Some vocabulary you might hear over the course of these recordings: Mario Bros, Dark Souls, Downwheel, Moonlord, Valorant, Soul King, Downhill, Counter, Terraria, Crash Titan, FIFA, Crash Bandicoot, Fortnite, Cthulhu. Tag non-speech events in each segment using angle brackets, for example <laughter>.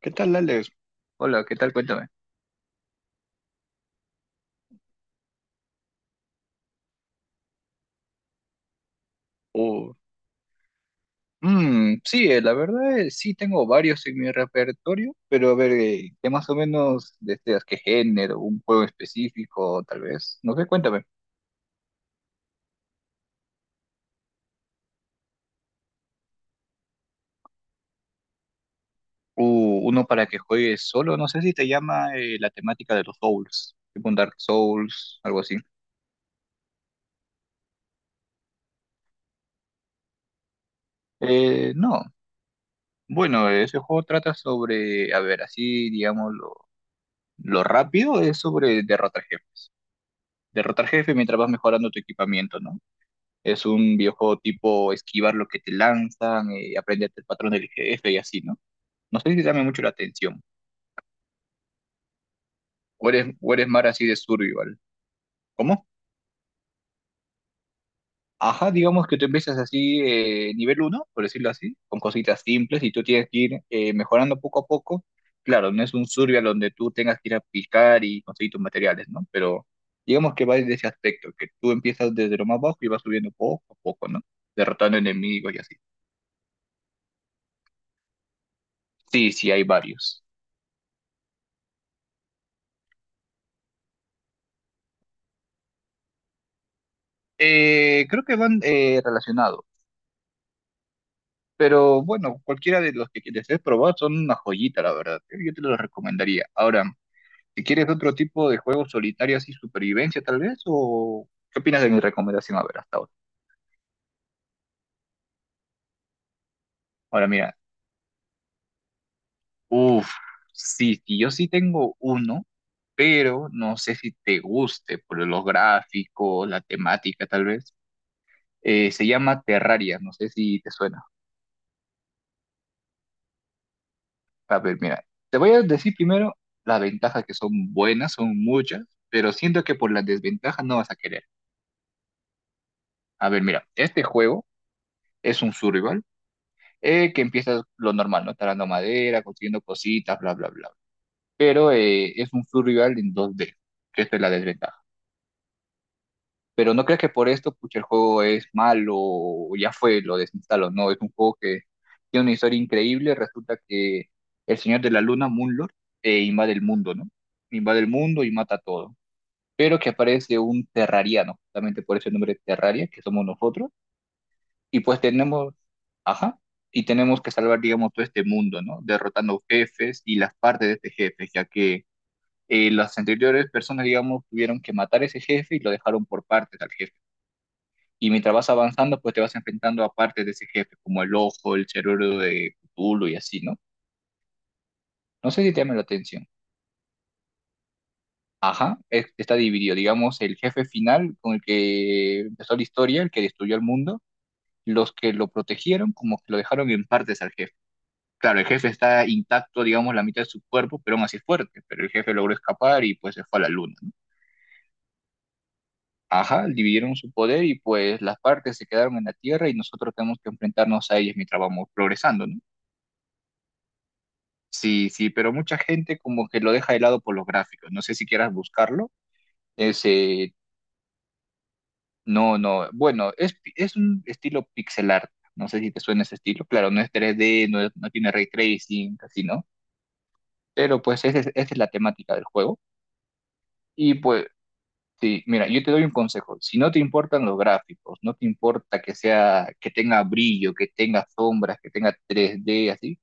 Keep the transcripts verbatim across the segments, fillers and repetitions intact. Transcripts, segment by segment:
¿Qué tal, Alex? Hola, ¿qué tal? Cuéntame. Oh, mm, sí, eh, la verdad eh, sí tengo varios en mi repertorio, pero a ver, eh, ¿qué más o menos deseas? ¿Qué género? ¿Un juego específico, tal vez? No sé, cuéntame. Uh, uno para que juegues solo, no sé si te llama eh, la temática de los Souls, tipo un Dark Souls, algo así. Eh, no, bueno, ese juego trata sobre, a ver, así, digamos, lo, lo rápido es sobre derrotar jefes. Derrotar jefes mientras vas mejorando tu equipamiento, ¿no? Es un videojuego tipo esquivar lo que te lanzan, eh, aprenderte el patrón del jefe y así, ¿no? No sé si llama mucho la atención. O eres, o eres más así de survival. ¿Cómo? Ajá, digamos que tú empiezas así, eh, nivel uno por decirlo así, con cositas simples y tú tienes que ir eh, mejorando poco a poco. Claro, no es un survival donde tú tengas que ir a picar y conseguir tus materiales, ¿no? Pero digamos que va desde ese aspecto, que tú empiezas desde lo más bajo y vas subiendo poco a poco, ¿no? Derrotando enemigos y así. Sí, sí, hay varios. Eh, creo que van eh, relacionados, pero bueno, cualquiera de los que desees probar son una joyita, la verdad. ¿Eh? Yo te los recomendaría. Ahora, si quieres otro tipo de juegos solitarios y supervivencia, tal vez, o qué opinas de mi recomendación, a ver, hasta ahora. Ahora, mira, uff, sí, sí, yo sí tengo uno, pero no sé si te guste por los gráficos, la temática, tal vez. Eh, se llama Terraria, no sé si te suena. A ver, mira, te voy a decir primero las ventajas que son buenas, son muchas, pero siento que por las desventajas no vas a querer. A ver, mira, este juego es un survival eh, que empiezas lo normal, ¿no? Talando madera, consiguiendo cositas, bla, bla, bla. Pero eh, es un survival en dos D, que esta es la desventaja. Pero no creas que por esto, pucha, el juego es malo o ya fue, lo desinstalo. No, es un juego que tiene una historia increíble. Resulta que el Señor de la Luna, Moonlord, eh, invade el mundo, ¿no? Invade el mundo y mata todo, pero que aparece un terrariano, justamente por ese nombre Terraria, que somos nosotros, y pues tenemos, ajá, y tenemos que salvar, digamos, todo este mundo, ¿no? Derrotando jefes y las partes de este jefe, ya que eh, las anteriores personas, digamos, tuvieron que matar a ese jefe y lo dejaron por partes al jefe. Y mientras vas avanzando, pues te vas enfrentando a partes de ese jefe, como el ojo, el cerebro de Cthulhu y así, ¿no? No sé si te llama la atención. Ajá, es- está dividido, digamos, el jefe final con el que empezó la historia, el que destruyó el mundo, los que lo protegieron como que lo dejaron en partes al jefe. Claro, el jefe está intacto, digamos, la mitad de su cuerpo, pero aún así es fuerte, pero el jefe logró escapar y pues se fue a la luna, ¿no? Ajá, dividieron su poder y pues las partes se quedaron en la Tierra y nosotros tenemos que enfrentarnos a ellas mientras vamos progresando, ¿no? Sí, sí, pero mucha gente como que lo deja de lado por los gráficos, no sé si quieras buscarlo, ese, no, no, bueno, es, es un estilo pixel art, no sé si te suena ese estilo, claro, no es tres D, no, es- no tiene ray tracing, así, ¿no? Pero pues esa es, esa es la temática del juego. Y pues, sí, mira, yo te doy un consejo. Si no te importan los gráficos, no te importa que sea, que tenga brillo, que tenga sombras, que tenga tres D, así,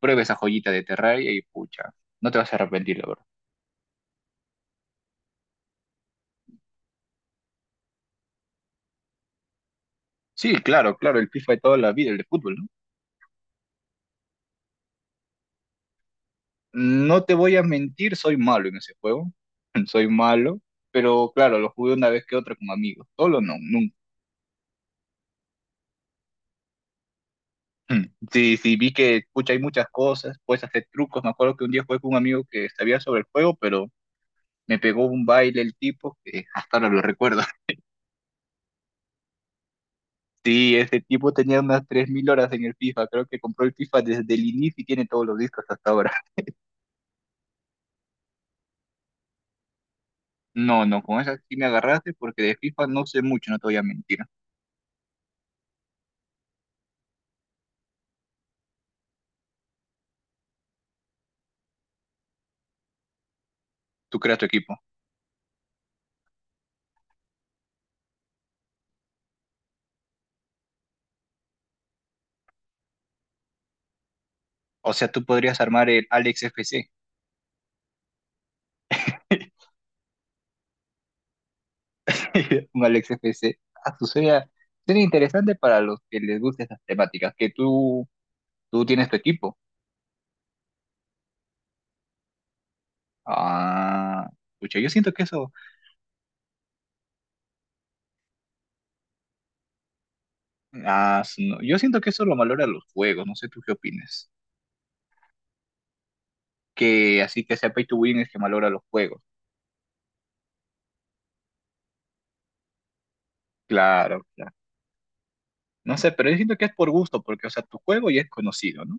prueba esa joyita de Terraria y pucha, no te vas a arrepentir, la verdad. Sí, claro, claro, el FIFA de toda la vida, el de fútbol, ¿no? No te voy a mentir, soy malo en ese juego. <laughs> Soy malo, pero claro, lo jugué una vez que otra con amigos. Solo no, nunca. Mm, sí, sí, vi que, pucha, hay muchas cosas, puedes hacer trucos. Me acuerdo que un día jugué con un amigo que sabía sobre el juego, pero me pegó un baile el tipo, que hasta ahora lo recuerdo. <laughs> Sí, ese tipo tenía unas tres mil horas en el FIFA. Creo que compró el FIFA desde el inicio y tiene todos los discos hasta ahora. <laughs> No, no, con esa sí me agarraste porque de FIFA no sé mucho, no te voy a mentir. Tú creas tu equipo. O sea, tú podrías armar el Alex F C. <laughs> Un Alex F C. Ah, su, sería, sería interesante para los que les gusten esas temáticas, que tú, tú tienes tu equipo. Ah, pucha, yo siento que eso, ah, su- no, yo siento que eso lo valora los juegos, no sé tú qué opinas. Que así que sea pay to win es que valora los juegos. Claro, claro. No sé, pero yo siento que es por gusto, porque, o sea, tu juego ya es conocido, ¿no?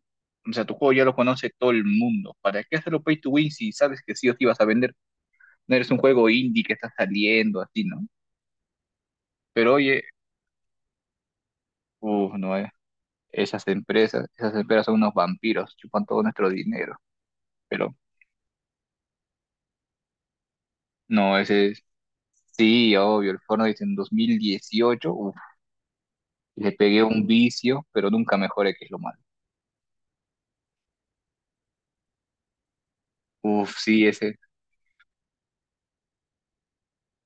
O sea, tu juego ya lo conoce todo el mundo. ¿Para qué hacerlo pay to win si sabes que sí o sí vas a vender? No eres un juego indie que está saliendo, así, ¿no? Pero oye, uff, no, eh, Esas empresas, esas empresas son unos vampiros, chupan todo nuestro dinero. Pero no, ese sí, obvio, el Fortnite en dos mil dieciocho, uf, le pegué un vicio, pero nunca mejoré, que es lo malo. Uf, sí, ese,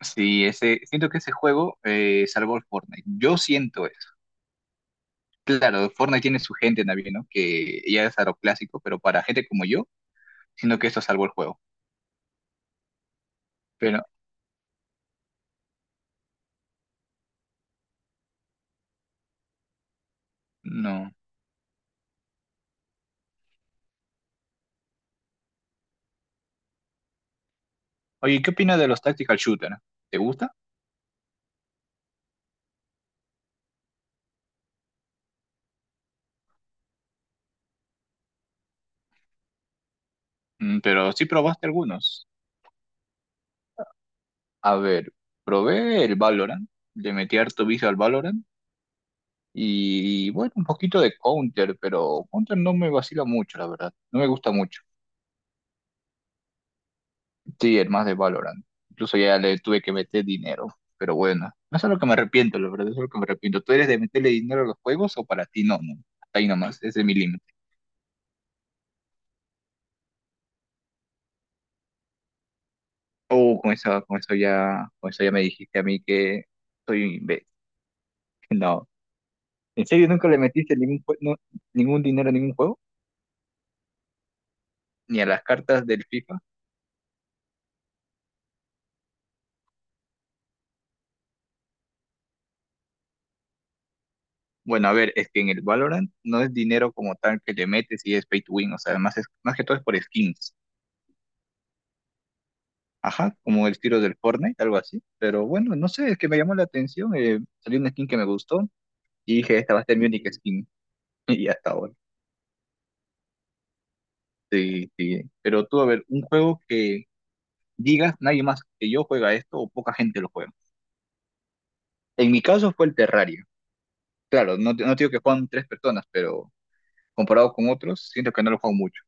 sí, ese, siento que ese juego eh, salvó el Fortnite. Yo siento eso. Claro, Fortnite tiene su gente también, ¿no? Que ya es a lo clásico, pero para gente como yo, siento que esto salvó el juego. Pero no. Oye, ¿qué opinas de los tactical shooter? ¿Te gusta? Mm, pero sí probaste algunos. A ver, probé el Valorant, le metí harto vicio al Valorant. Y bueno, un poquito de Counter, pero Counter no me vacila mucho, la verdad. No me gusta mucho. Sí, el más de Valorant. Incluso ya le tuve que meter dinero. Pero bueno, no es algo que me arrepiento, la verdad, es algo que me arrepiento. ¿Tú eres de meterle dinero a los juegos o para ti no? no? Hasta ahí nomás, ese es mi límite. Oh, con eso, con eso ya, con eso ya me dijiste a mí que soy un imbécil. <laughs> No. ¿En serio nunca le metiste ningún, jue- no- ningún dinero a ningún juego? ¿Ni a las cartas del FIFA? Bueno, a ver, es que en el Valorant no es dinero como tal que le metes y es pay to win, o sea, más, es, más que todo es por skins. Ajá, como el tiro del Fortnite, algo así. Pero bueno, no sé, es que me llamó la atención. Eh, salió una skin que me gustó y dije, esta va a ser mi única skin. <laughs> Y hasta ahora. Sí, sí. Pero tú, a ver, un juego que digas, nadie más que yo juega esto o poca gente lo juega. En mi caso fue el Terraria. Claro, no, te- no te digo que juegan tres personas, pero comparado con otros, siento que no lo juego mucho.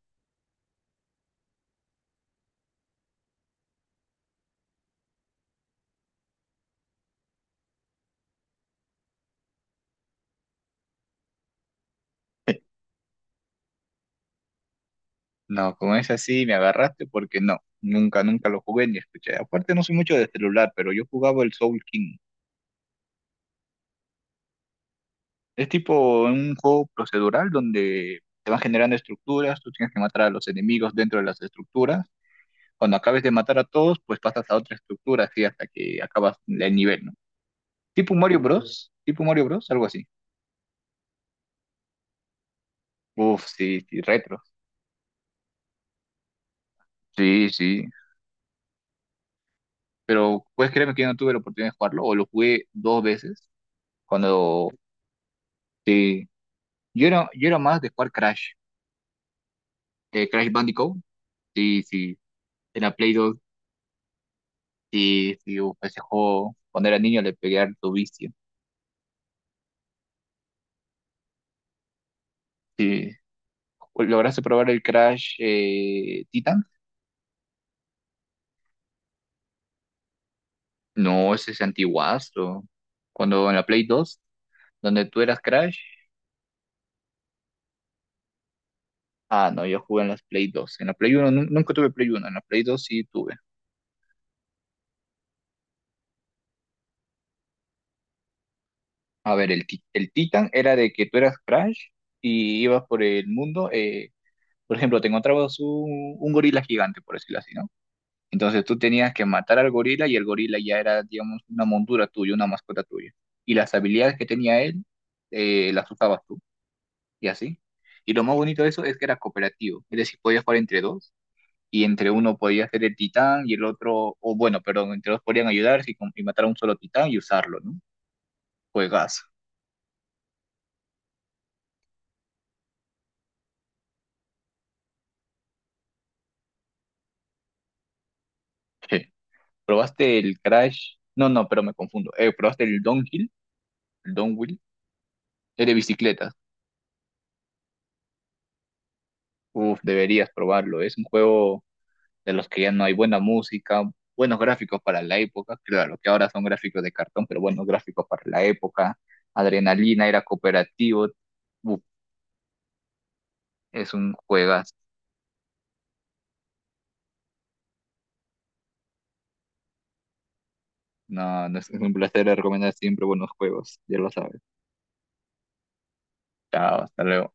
No, con esa sí me agarraste porque no, nunca, nunca lo jugué ni escuché. Aparte no soy mucho de celular, pero yo jugaba el Soul King. Es tipo un juego procedural donde te van generando estructuras, tú tienes que matar a los enemigos dentro de las estructuras. Cuando acabes de matar a todos, pues pasas a otra estructura así hasta que acabas el nivel, ¿no? Tipo Mario Bros, tipo Mario Bros, algo así. Uf, sí, sí, retro. Sí, sí. Pero puedes creerme que yo no tuve la oportunidad de jugarlo, o lo jugué dos veces cuando... Sí, Yo era, yo era más de jugar Crash, de Crash Bandicoot, sí, sí, era Play dos, sí, sí, uf, ese juego, cuando era niño le pegué harto vicio, sí. ¿Lograste probar el Crash eh, Titan? No, ese es antiguazo, cuando en la Play dos, donde tú eras Crash, ah, no, yo jugué en las Play dos, en la Play uno, nun- nunca tuve Play uno, en la Play dos sí tuve. A ver, el, Ti- el Titan era de que tú eras Crash y ibas por el mundo, eh, por ejemplo, te encontrabas un, un gorila gigante, por decirlo así, ¿no? Entonces tú tenías que matar al gorila y el gorila ya era, digamos, una montura tuya, una mascota tuya. Y las habilidades que tenía él, eh, las usabas tú y así. Y lo más bonito de eso es que era cooperativo, es decir, podías jugar entre dos y entre uno podía ser el titán y el otro, o bueno, perdón, entre dos podían ayudarse y, com- y matar a un solo titán y usarlo, ¿no? Juegazo. Je. ¿Probaste el Crash? No, no, pero me confundo. Eh, ¿probaste el Downhill? El Downwheel. Es de bicicletas. Uf, deberías probarlo. Es un juego de los que ya no hay buena música, buenos gráficos para la época, claro, que ahora son gráficos de cartón, pero buenos gráficos para la época, Adrenalina era cooperativo, Uf, es un juegas, no, no es, es un placer recomendar siempre buenos juegos, ya lo sabes, chao, hasta luego.